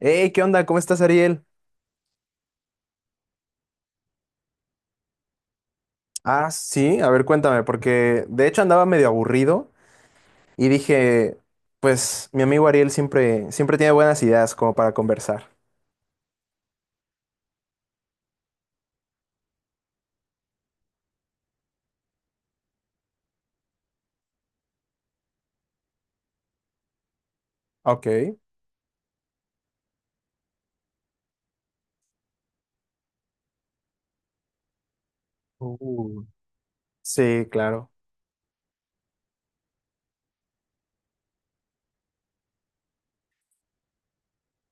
Hey, ¿qué onda? ¿Cómo estás, Ariel? Ah, sí, a ver, cuéntame, porque de hecho andaba medio aburrido y dije, pues mi amigo Ariel siempre, siempre tiene buenas ideas como para conversar. Ok. Uh, Sí, claro.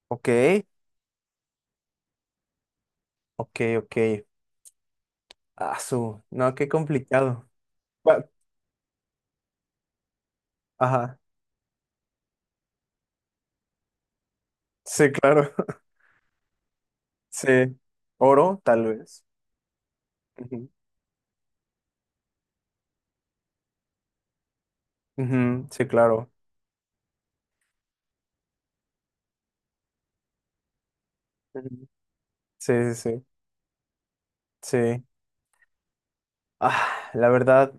Ok, ok, ok. Ah, no, qué complicado. Bueno, ajá, sí, claro. Sí, oro, tal vez. Ujú. Ujú, sí, claro. Ujú. Sí, sí, sí. Sí. Ah, la verdad.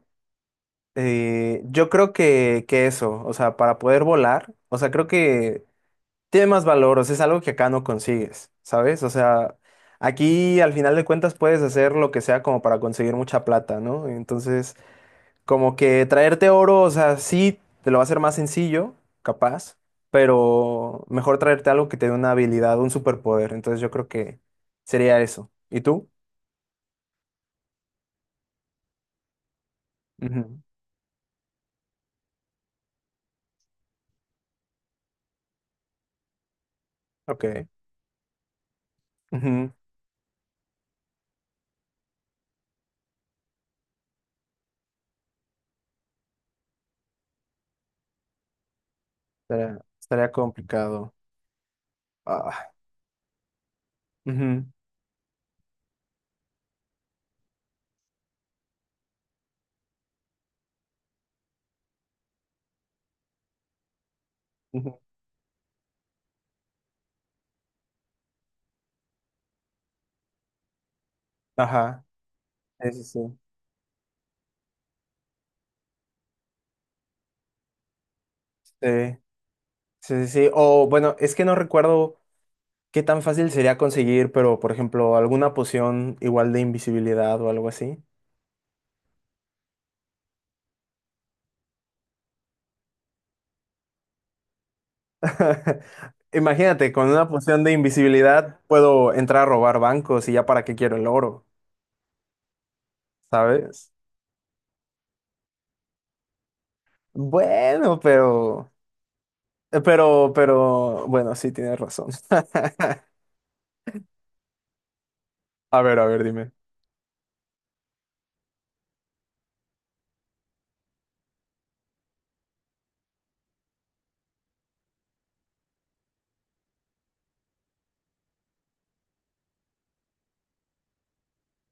Yo creo que eso, o sea, para poder volar, o sea, creo que tiene más valor, o sea, es algo que acá no consigues, ¿sabes? O sea, aquí al final de cuentas puedes hacer lo que sea como para conseguir mucha plata, ¿no? Entonces, como que traerte oro, o sea, sí, te lo va a hacer más sencillo, capaz, pero mejor traerte algo que te dé una habilidad, un superpoder, entonces yo creo que sería eso. ¿Y tú? Ujú, ok. Ujú. Estaría complicado. Ah, ujú. Ujú. Ajá, sí, sí, sí, sí, sí, sí, sí. O bueno, es que no recuerdo qué tan fácil sería conseguir, pero por ejemplo, alguna poción igual de invisibilidad o algo así. Imagínate, con una poción de invisibilidad puedo entrar a robar bancos y ya para qué quiero el oro, ¿sabes? Bueno, pero, bueno, sí tienes razón. A ver, dime.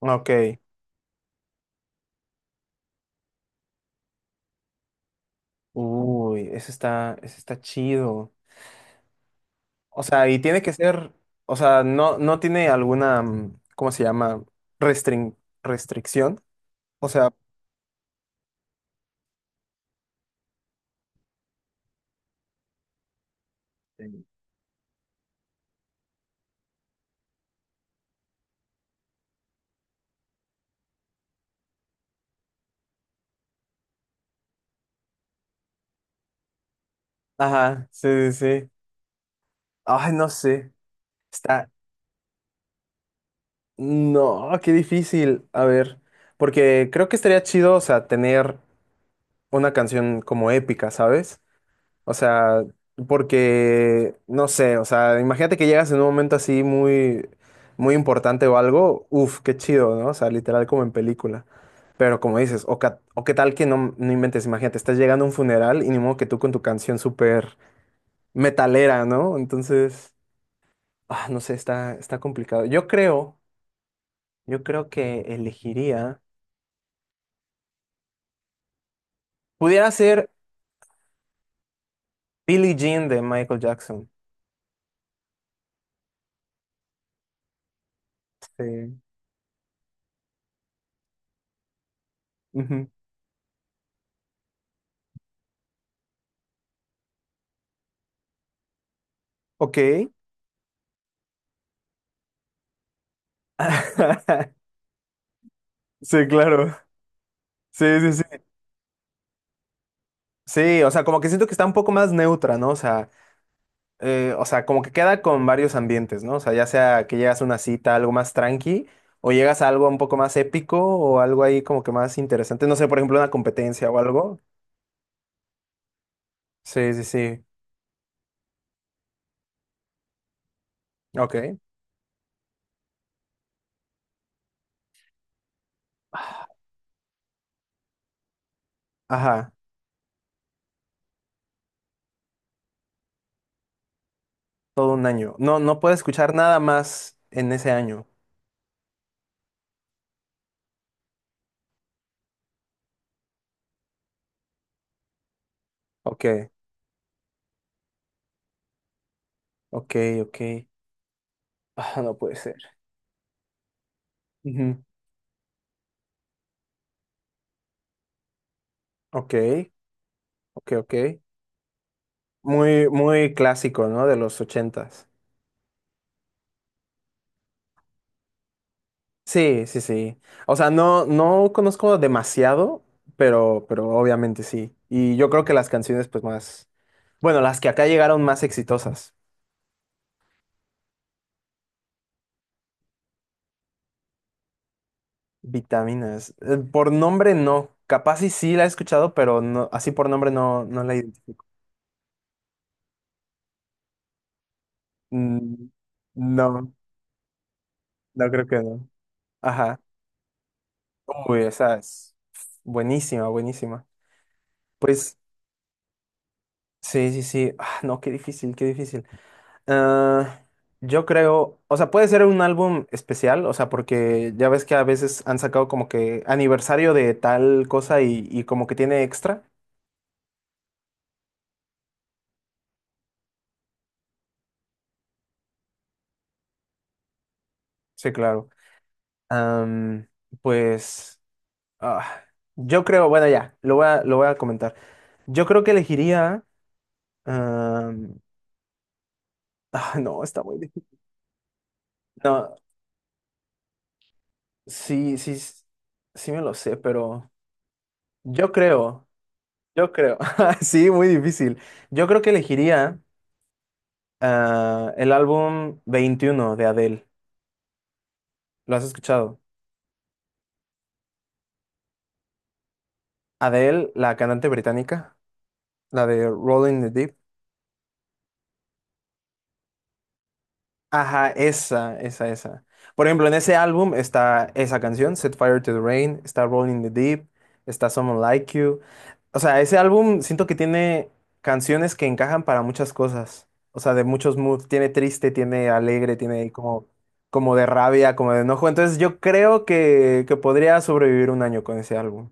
Ok. Uy, eso está chido. O sea, y tiene que ser, o sea, no tiene alguna, ¿cómo se llama? Restrin- restricción. O sea, sí, ajá, sí, sí, sí. Ay, no sé. Está, no, qué difícil. A ver, porque creo que estaría chido, o sea, tener una canción como épica, ¿sabes? O sea, porque, no sé, o sea, imagínate que llegas en un momento así muy, muy importante o algo, uf, qué chido, ¿no? O sea, literal como en película. Pero como dices, o qué tal que no inventes, imagínate, estás llegando a un funeral y ni modo que tú con tu canción súper metalera, ¿no? Entonces, no sé, está complicado. Yo creo que elegiría, pudiera ser Billie Jean de Michael Jackson. Sí. Ujú. Ok. Sí, claro. Sí, sí, sí. Sí, o sea, como que siento que está un poco más neutra, ¿no? O sea, como que queda con varios ambientes, ¿no? O sea, ya sea que llegas a una cita, algo más tranqui, o llegas a algo un poco más épico, o algo ahí como que más interesante. No sé, por ejemplo, una competencia o algo. Sí, sí, sí. Ok. Ajá, todo un año. No, no puedo escuchar nada más en ese año. Ok, ok, ok. Ah, no puede ser. Ujú. Ok, ok, ok. Muy, muy clásico, ¿no? De los 80. Sí, sí, sí. O sea, no, no conozco demasiado, pero obviamente sí. Y yo creo que las canciones, pues más, bueno, las que acá llegaron más exitosas. Vitaminas. Por nombre no. Capaz y sí la he escuchado, pero no, así por nombre no, no la identifico. Mm, No, no creo que no. Ajá. Uy, esa es buenísima, buenísima. Pues sí, sí, sí. Ah, no, qué difícil, qué difícil. Ah, yo creo, o sea, puede ser un álbum especial, o sea, porque ya ves que a veces han sacado como que aniversario de tal cosa y como que tiene extra. Sí, claro. Am, pues, ah, yo creo, bueno, ya, lo voy a comentar. Yo creo que elegiría... am, no, está muy difícil. No, sí, sí, sí me lo sé, pero yo creo, yo creo. Sí, muy difícil. Yo creo que elegiría. El álbum 21 de Adele. ¿Lo has escuchado? Adele, la cantante británica, la de Rolling in the Deep. Ajá, esa, esa, esa. Por ejemplo, en ese álbum está esa canción, Set Fire to the Rain, está Rolling in the Deep, está Someone Like You. O sea, ese álbum siento que tiene canciones que encajan para muchas cosas. O sea, de muchos moods. Tiene triste, tiene alegre, tiene como, de rabia, como de enojo. Entonces yo creo que podría sobrevivir un año con ese álbum.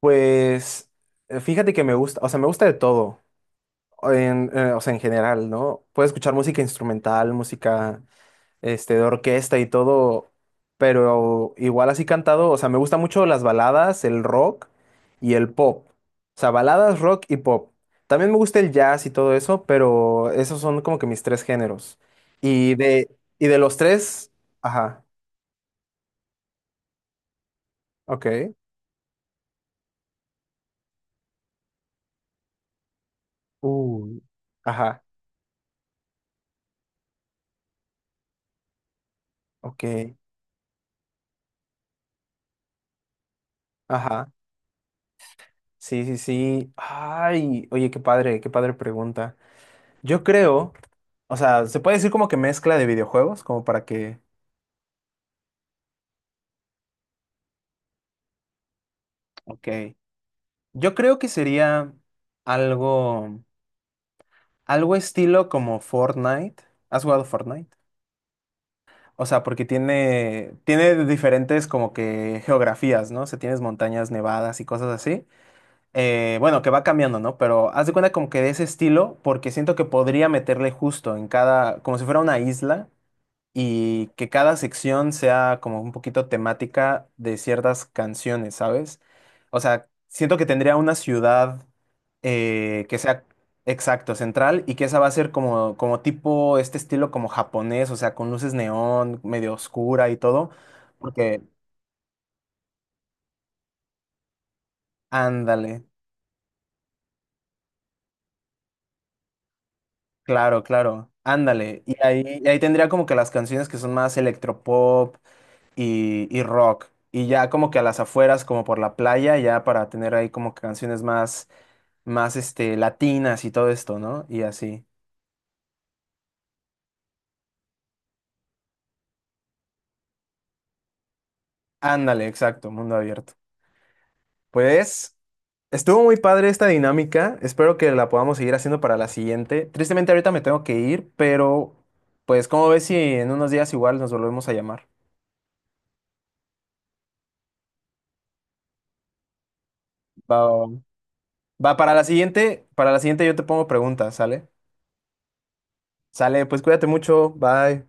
Pues fíjate que me gusta, o sea, me gusta de todo, o sea, en general, ¿no? Puedo escuchar música instrumental, música, de orquesta y todo, pero igual así cantado, o sea, me gusta mucho las baladas, el rock y el pop. O sea, baladas, rock y pop. También me gusta el jazz y todo eso, pero esos son como que mis tres géneros. Y de, y de los tres, ajá, ok, uy, ajá, ok, ajá. Sí, sí, sí. Ay, oye, qué padre pregunta. Yo creo, o sea, se puede decir como que mezcla de videojuegos, como para que, ok. Yo creo que sería algo, algo estilo como Fortnite. ¿Has jugado Fortnite? O sea, porque tiene diferentes como que geografías, ¿no? O sea, tienes montañas nevadas y cosas así. Bueno, que va cambiando, ¿no? Pero haz de cuenta como que de ese estilo, porque siento que podría meterle justo en cada, como si fuera una isla y que cada sección sea como un poquito temática de ciertas canciones, ¿sabes? O sea, siento que tendría una ciudad que sea exacto, central, y que esa va a ser como, tipo este estilo como japonés, o sea, con luces neón, medio oscura y todo, porque ándale, claro, claro, ándale. Y ahí tendría como que las canciones que son más electropop y rock. Y ya como que a las afueras, como por la playa, ya para tener ahí como que canciones más, más latinas y todo esto, ¿no? Y así. Ándale, exacto, mundo abierto. Pues estuvo muy padre esta dinámica. Espero que la podamos seguir haciendo para la siguiente. Tristemente ahorita me tengo que ir, pero pues como ves si en unos días igual nos volvemos a llamar. Va, va, va. Va, para la siguiente yo te pongo preguntas, ¿sale? Sale, pues cuídate mucho, bye.